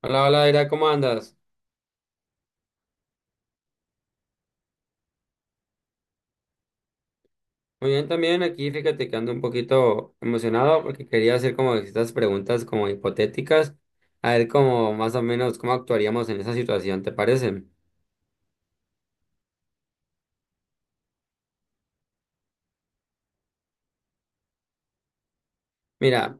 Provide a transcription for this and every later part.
Hola, hola, Ira, ¿cómo andas? Muy bien también, aquí fíjate que ando un poquito emocionado porque quería hacer como estas preguntas como hipotéticas, a ver cómo más o menos cómo actuaríamos en esa situación, ¿te parece? Mira,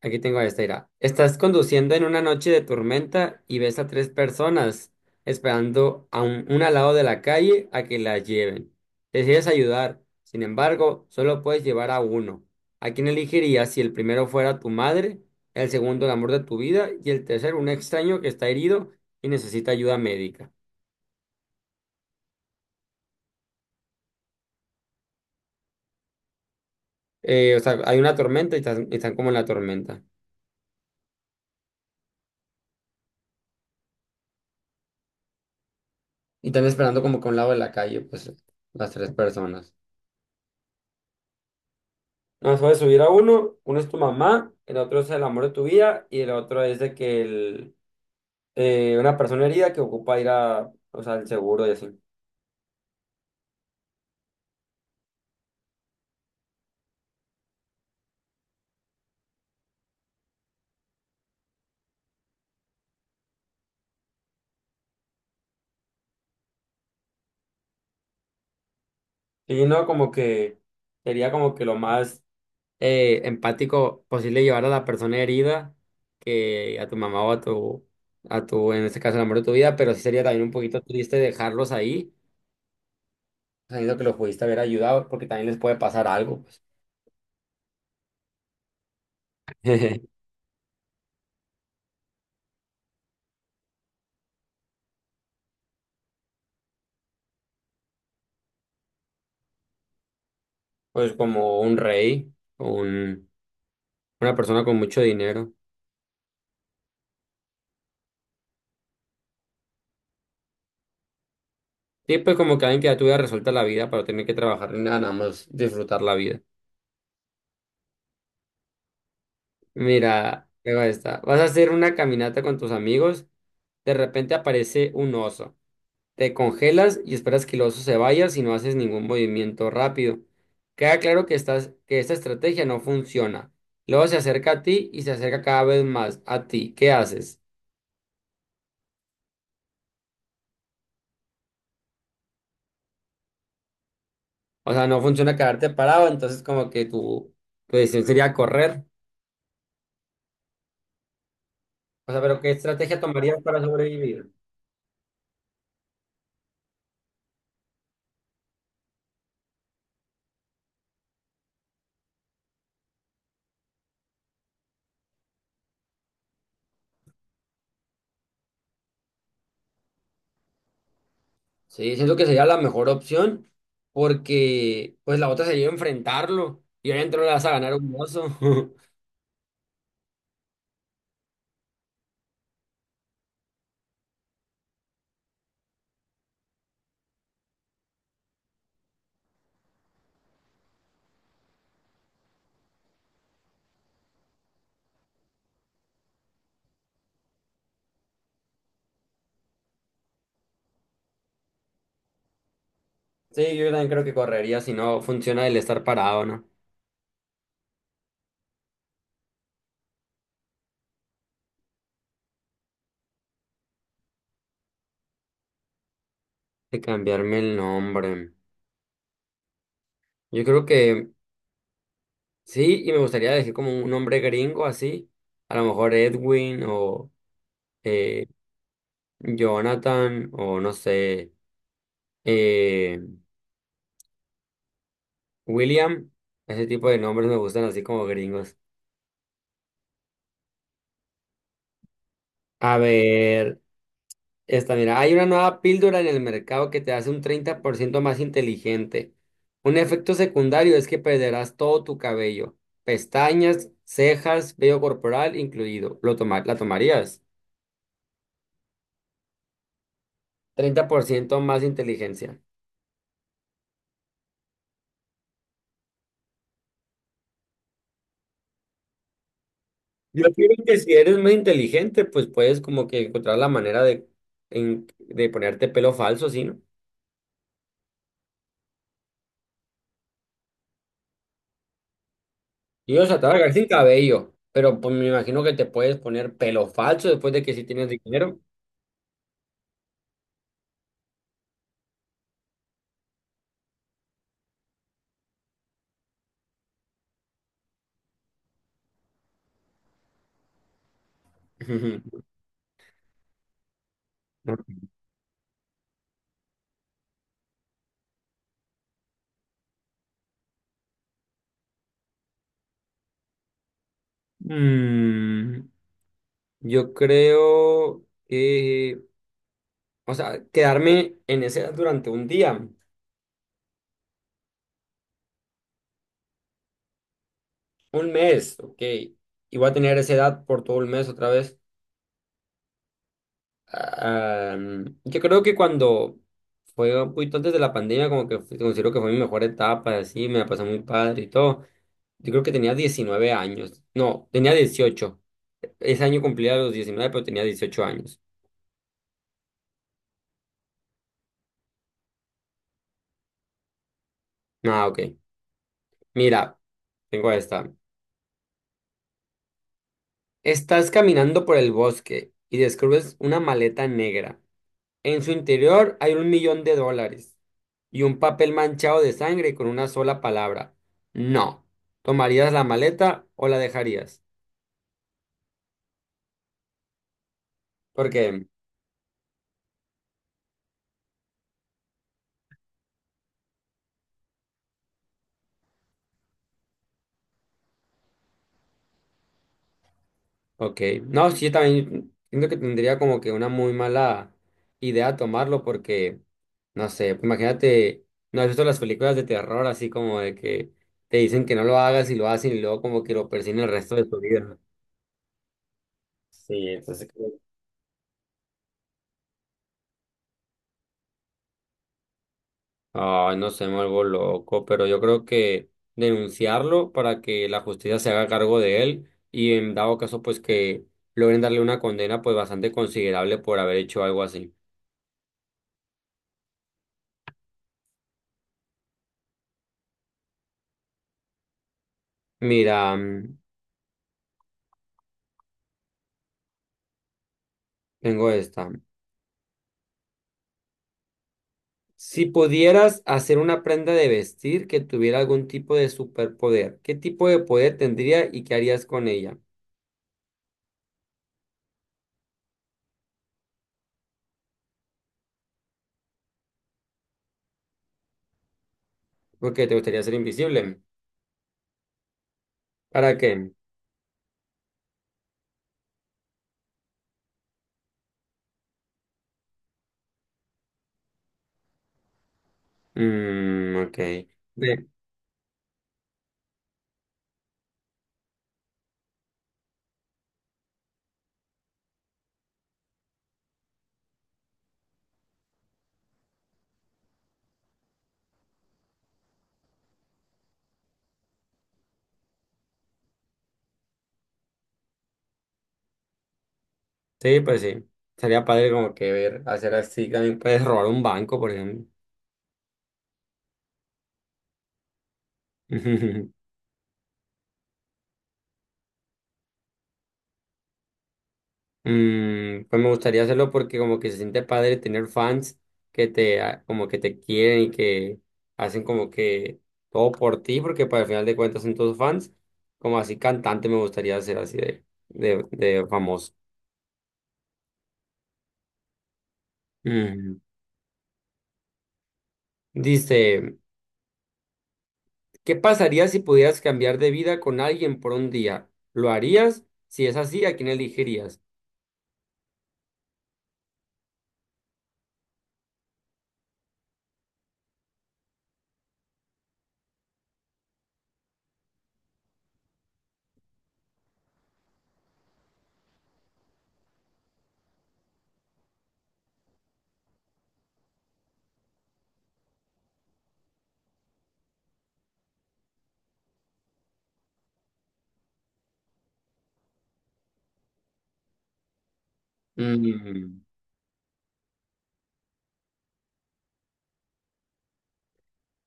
aquí tengo esta, mira. Estás conduciendo en una noche de tormenta y ves a tres personas esperando a una al lado de la calle a que las lleven. Decides ayudar, sin embargo, solo puedes llevar a uno. ¿A quién elegirías si el primero fuera tu madre, el segundo el amor de tu vida y el tercero un extraño que está herido y necesita ayuda médica? O sea, hay una tormenta y están como en la tormenta. Y están esperando como que a un lado de la calle, pues las tres personas. Nos puedes subir a uno, uno es tu mamá, el otro es el amor de tu vida y el otro es de que el, una persona herida que ocupa ir a, o sea, el seguro y así. Y no, como que sería como que lo más empático posible llevar a la persona herida que a tu mamá o a tu, en este caso, el amor de tu vida, pero sí sería también un poquito triste dejarlos ahí, sabiendo que los pudiste haber ayudado porque también les puede pasar algo, pues. Pues como un rey, o una persona con mucho dinero. Sí, pues como que alguien que ya tuviera resuelta la vida para no tener que trabajar ni nada, nada más disfrutar la vida. Mira, luego está. Vas a hacer una caminata con tus amigos, de repente aparece un oso. Te congelas y esperas que el oso se vaya si no haces ningún movimiento rápido. Queda claro que que esta estrategia no funciona. Luego se acerca a ti y se acerca cada vez más a ti. ¿Qué haces? O sea, no funciona quedarte parado, entonces como que tu decisión sería correr. O sea, pero ¿qué estrategia tomarías para sobrevivir? Sí, siento que sería la mejor opción porque pues la otra sería enfrentarlo y obviamente no le vas a ganar un oso. Sí, yo también creo que correría si no funciona el estar parado, ¿no? De cambiarme el nombre. Yo creo que sí, y me gustaría decir como un nombre gringo así, a lo mejor Edwin o eh, Jonathan o no sé, eh, William, ese tipo de nombres me gustan así como gringos. A ver. Esta, mira, hay una nueva píldora en el mercado que te hace un 30% más inteligente. Un efecto secundario es que perderás todo tu cabello, pestañas, cejas, vello corporal incluido. ¿La tomarías? Treinta por ciento más inteligencia. Yo creo que si eres más inteligente, pues puedes como que encontrar la manera de, de ponerte pelo falso, ¿sí, no? Yo, o sea, te vas a quedar sin cabello, pero pues me imagino que te puedes poner pelo falso después de que si tienes dinero. Mm, yo creo que, o sea, quedarme en esa edad durante un día, un mes, ok. Y voy a tener esa edad por todo el mes otra vez. Ah, yo creo que cuando fue un poquito antes de la pandemia, como que considero que fue mi mejor etapa, así, me la pasé muy padre y todo. Yo creo que tenía 19 años, no, tenía 18. Ese año cumplía los 19, pero tenía 18 años. Ah, ok. Mira, tengo esta. Estás caminando por el bosque y descubres una maleta negra. En su interior hay 1 millón de dólares y un papel manchado de sangre con una sola palabra. No. ¿Tomarías la maleta o la dejarías? Porque, ok. No, sí, también siento que tendría como que una muy mala idea tomarlo porque, no sé, pues imagínate, ¿no has visto las películas de terror así como de que te dicen que no lo hagas y lo hacen y luego como que lo persiguen el resto de tu vida? Sí, entonces. Ay, no sé, me vuelvo loco, pero yo creo que denunciarlo para que la justicia se haga cargo de él y en dado caso pues que logren darle una condena pues bastante considerable por haber hecho algo así. Mira, tengo esta. Si pudieras hacer una prenda de vestir que tuviera algún tipo de superpoder, ¿qué tipo de poder tendría y qué harías con ella? Porque te gustaría ser invisible. ¿Para qué? Mm, ok. Ve- Sí, pues sí. Sería padre como que ver, hacer así. También puedes robar un banco, por ejemplo. Pues me gustaría hacerlo porque como que se siente padre tener fans que te, como que te quieren y que hacen como que todo por ti, porque para el final de cuentas son todos fans. Como así cantante me gustaría ser así de famoso. Mm. Dice, ¿qué pasaría si pudieras cambiar de vida con alguien por un día? ¿Lo harías? Si es así, ¿a quién elegirías? Mm.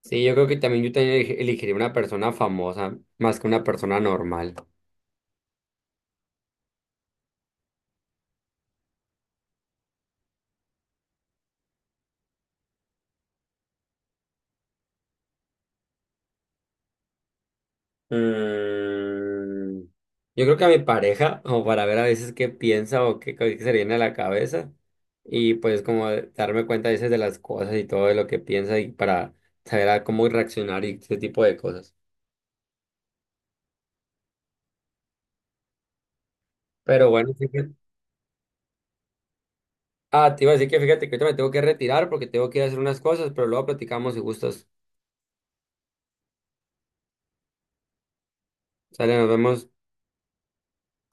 Sí, yo creo que también yo también elegiría una persona famosa más que una persona normal. Mm, yo creo que a mi pareja, como para ver a veces qué piensa o qué, qué se le viene a la cabeza, y pues como darme cuenta a veces de las cosas y todo de lo que piensa y para saber a cómo reaccionar y ese tipo de cosas. Pero bueno, te iba a decir que fíjate que ahorita me tengo que retirar porque tengo que ir a hacer unas cosas, pero luego platicamos si gustas. Sale, nos vemos.